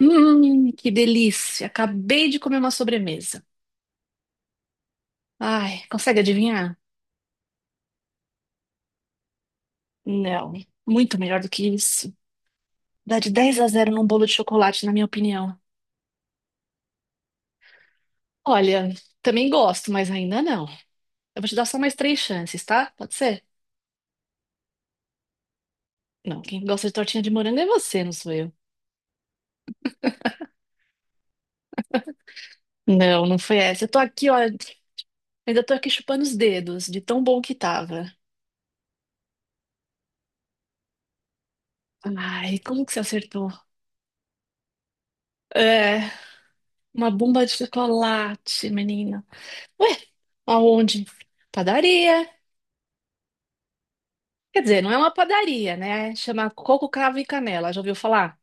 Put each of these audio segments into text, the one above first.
Que delícia! Acabei de comer uma sobremesa. Ai, consegue adivinhar? Não, muito melhor do que isso. Dá de 10 a 0 num bolo de chocolate, na minha opinião. Olha, também gosto, mas ainda não. Eu vou te dar só mais três chances, tá? Pode ser? Não, quem gosta de tortinha de morango é você, não sou eu. Não, não foi essa. Eu tô aqui, olha, ainda tô aqui chupando os dedos de tão bom que tava. Ai, como que você acertou? É, uma bomba de chocolate, menina. Ué, aonde? Padaria. Quer dizer, não é uma padaria, né? Chama Coco, Cravo e Canela. Já ouviu falar?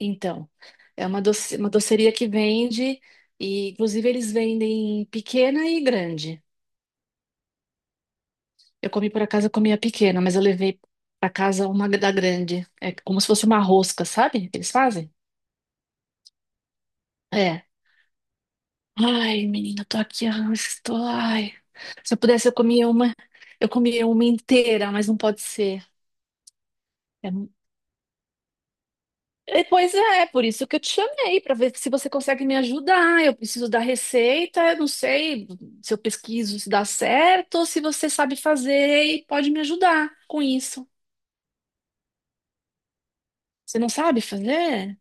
Então, é uma doce, uma doceria que vende e, inclusive, eles vendem pequena e grande. Eu comi por acaso, eu comi a pequena, mas eu levei pra casa uma da grande. É como se fosse uma rosca, sabe? Que eles fazem? É. Ai, menina, tô aqui, ah, estou. Ai. Se eu pudesse, eu comia uma. Eu comia uma inteira, mas não pode ser. É Pois é, por isso que eu te chamei, para ver se você consegue me ajudar. Eu preciso da receita, eu não sei se eu pesquiso se dá certo ou se você sabe fazer e pode me ajudar com isso. Você não sabe fazer?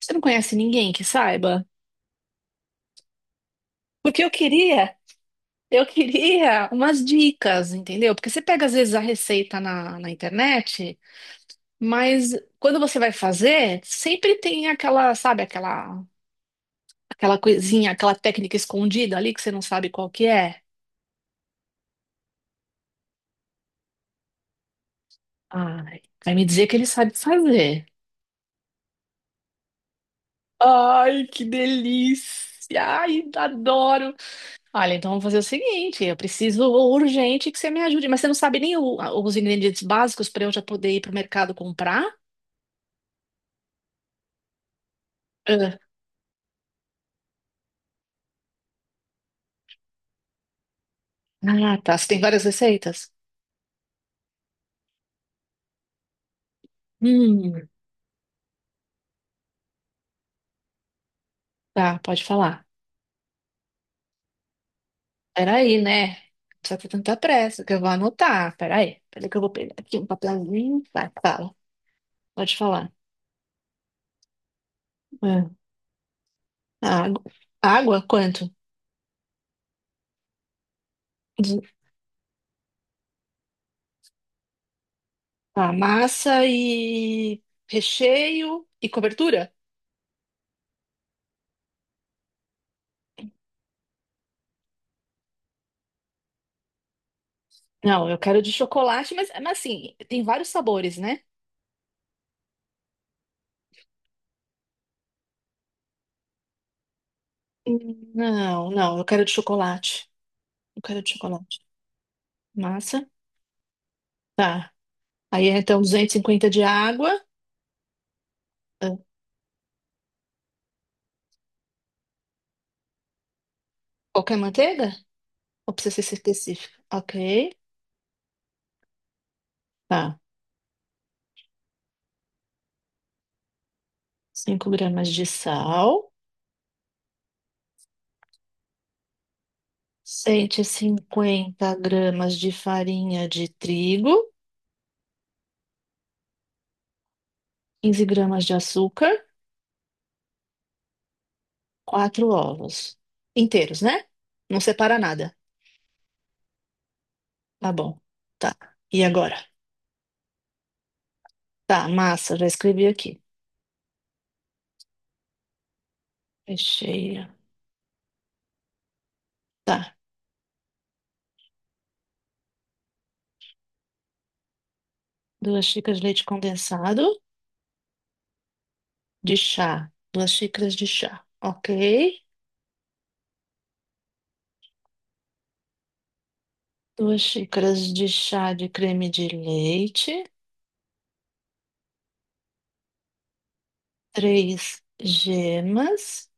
Você não conhece ninguém que saiba? Porque eu queria umas dicas, entendeu? Porque você pega às vezes a receita na internet, mas quando você vai fazer, sempre tem aquela, sabe, aquela, aquela coisinha, aquela técnica escondida ali que você não sabe qual que é. Ai, vai me dizer que ele sabe fazer. Ai, que delícia! Ai, adoro! Olha, então vamos fazer o seguinte: eu preciso urgente que você me ajude, mas você não sabe nem os ingredientes básicos para eu já poder ir para o mercado comprar? Ah, ah, tá. Você tem várias receitas? Hum, tá, pode falar. Peraí, né? Não precisa ter tanta pressa, que eu vou anotar. Peraí, peraí que eu vou pegar aqui um papelzinho. Vai, fala. Pode falar. Ah, água. Água? Quanto? Tá, massa e recheio e cobertura? Não, eu quero de chocolate, mas assim, tem vários sabores, né? Não, não, eu quero de chocolate. Eu quero de chocolate. Massa. Tá. Aí é, então 250 de água. Ah, qualquer manteiga? Ou precisa ser específica? Ok. Tá. 5 gramas de sal. 150 gramas de farinha de trigo. 15 gramas de açúcar. Quatro ovos inteiros, né? Não separa nada. Tá bom. Tá. E agora? Tá, massa, já escrevi aqui. Recheia. Tá. Duas xícaras de leite condensado de chá. Duas xícaras de chá. Ok. Duas xícaras de chá de creme de leite. Três gemas.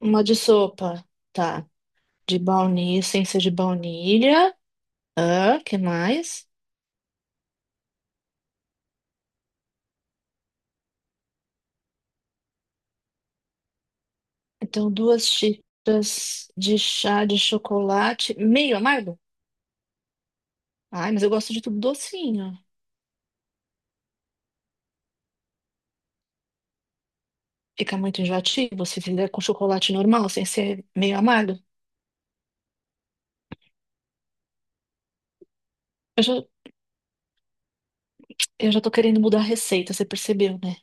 Uma de sopa. Tá. De baunilha, sem ser de baunilha. Ah, que mais? Então, duas xícaras de chá de chocolate, meio amargo? Ai, mas eu gosto de tudo docinho. Fica muito enjoativo se fizer com chocolate normal, sem ser meio amargo. Eu já, eu já tô querendo mudar a receita, você percebeu, né?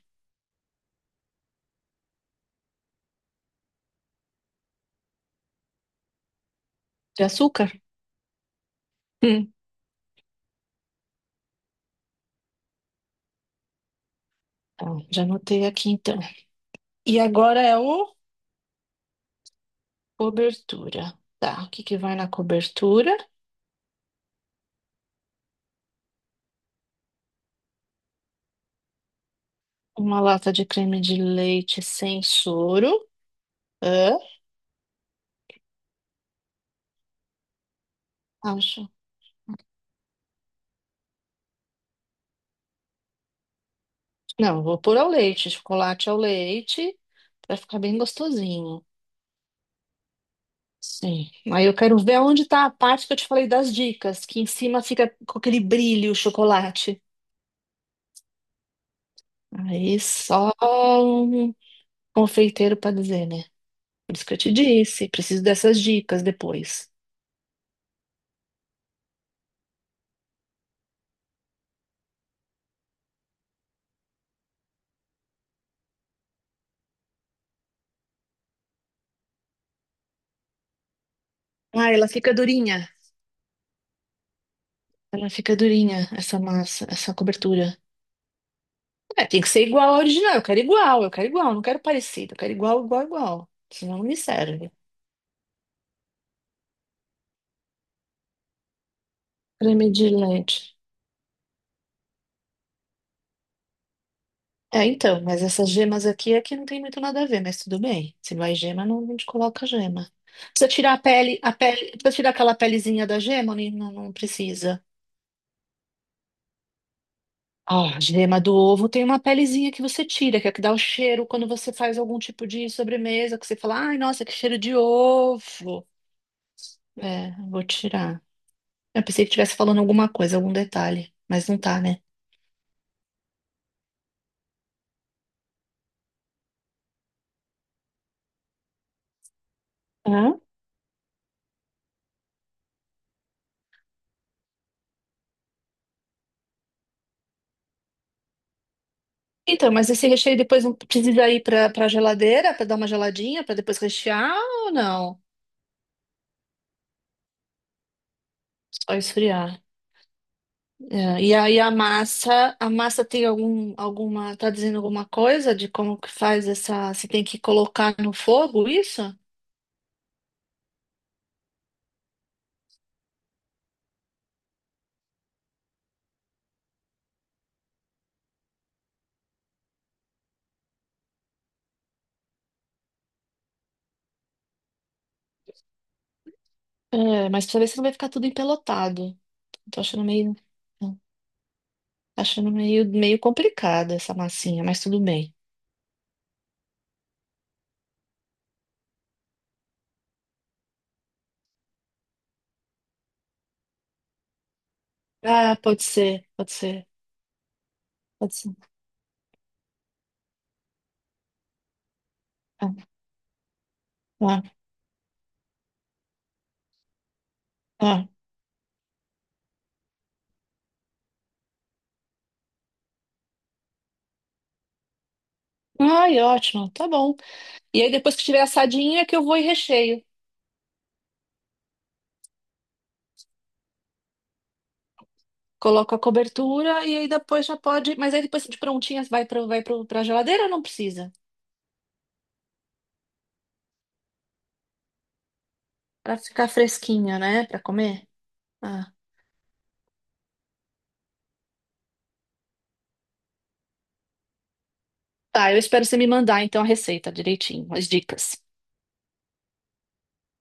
De açúcar? Hum. Tá, já anotei aqui então. E agora é o cobertura. Tá, o que que vai na cobertura? Uma lata de creme de leite sem soro. Hã? Ah, não, vou pôr ao leite, chocolate ao leite, vai ficar bem gostosinho. Sim. Aí eu quero ver onde tá a parte que eu te falei das dicas, que em cima fica com aquele brilho o chocolate. Aí só um confeiteiro para dizer, né? Por isso que eu te disse, preciso dessas dicas depois. Ah, ela fica durinha. Ela fica durinha, essa massa, essa cobertura. É, tem que ser igual ao original. Eu quero igual, não quero parecido. Eu quero igual, igual, igual. Senão não me serve. Creme de leite. É, então, mas essas gemas aqui é que não tem muito nada a ver, mas tudo bem. Se não é gema, não, não te coloca gema. Precisa tirar a pele, precisa tirar aquela pelezinha da gema, ou não, não precisa. Ah, a gema do ovo tem uma pelezinha que você tira, que é a que dá o cheiro quando você faz algum tipo de sobremesa, que você fala, ai, nossa, que cheiro de ovo. É, vou tirar. Eu pensei que estivesse falando alguma coisa, algum detalhe, mas não tá, né? Hã? Então, mas esse recheio depois não precisa ir para geladeira para dar uma geladinha para depois rechear ou não? Só esfriar. É, e aí a massa tem algum, alguma, tá dizendo alguma coisa de como que faz essa, você tem que colocar no fogo isso? É, mas precisa ver se não vai ficar tudo empelotado. Tô achando meio, tô achando meio complicada essa massinha, mas tudo bem. Ah, pode ser, pode ser, pode ser. Ah, ah, ah. Ai, ótimo, tá bom. E aí depois que tiver assadinha é que eu vou e recheio. Coloco a cobertura e aí depois já pode. Mas aí depois de prontinha vai para geladeira ou não precisa? Para ficar fresquinha, né? Para comer? Ah. Tá, eu espero você me mandar então a receita direitinho, as dicas.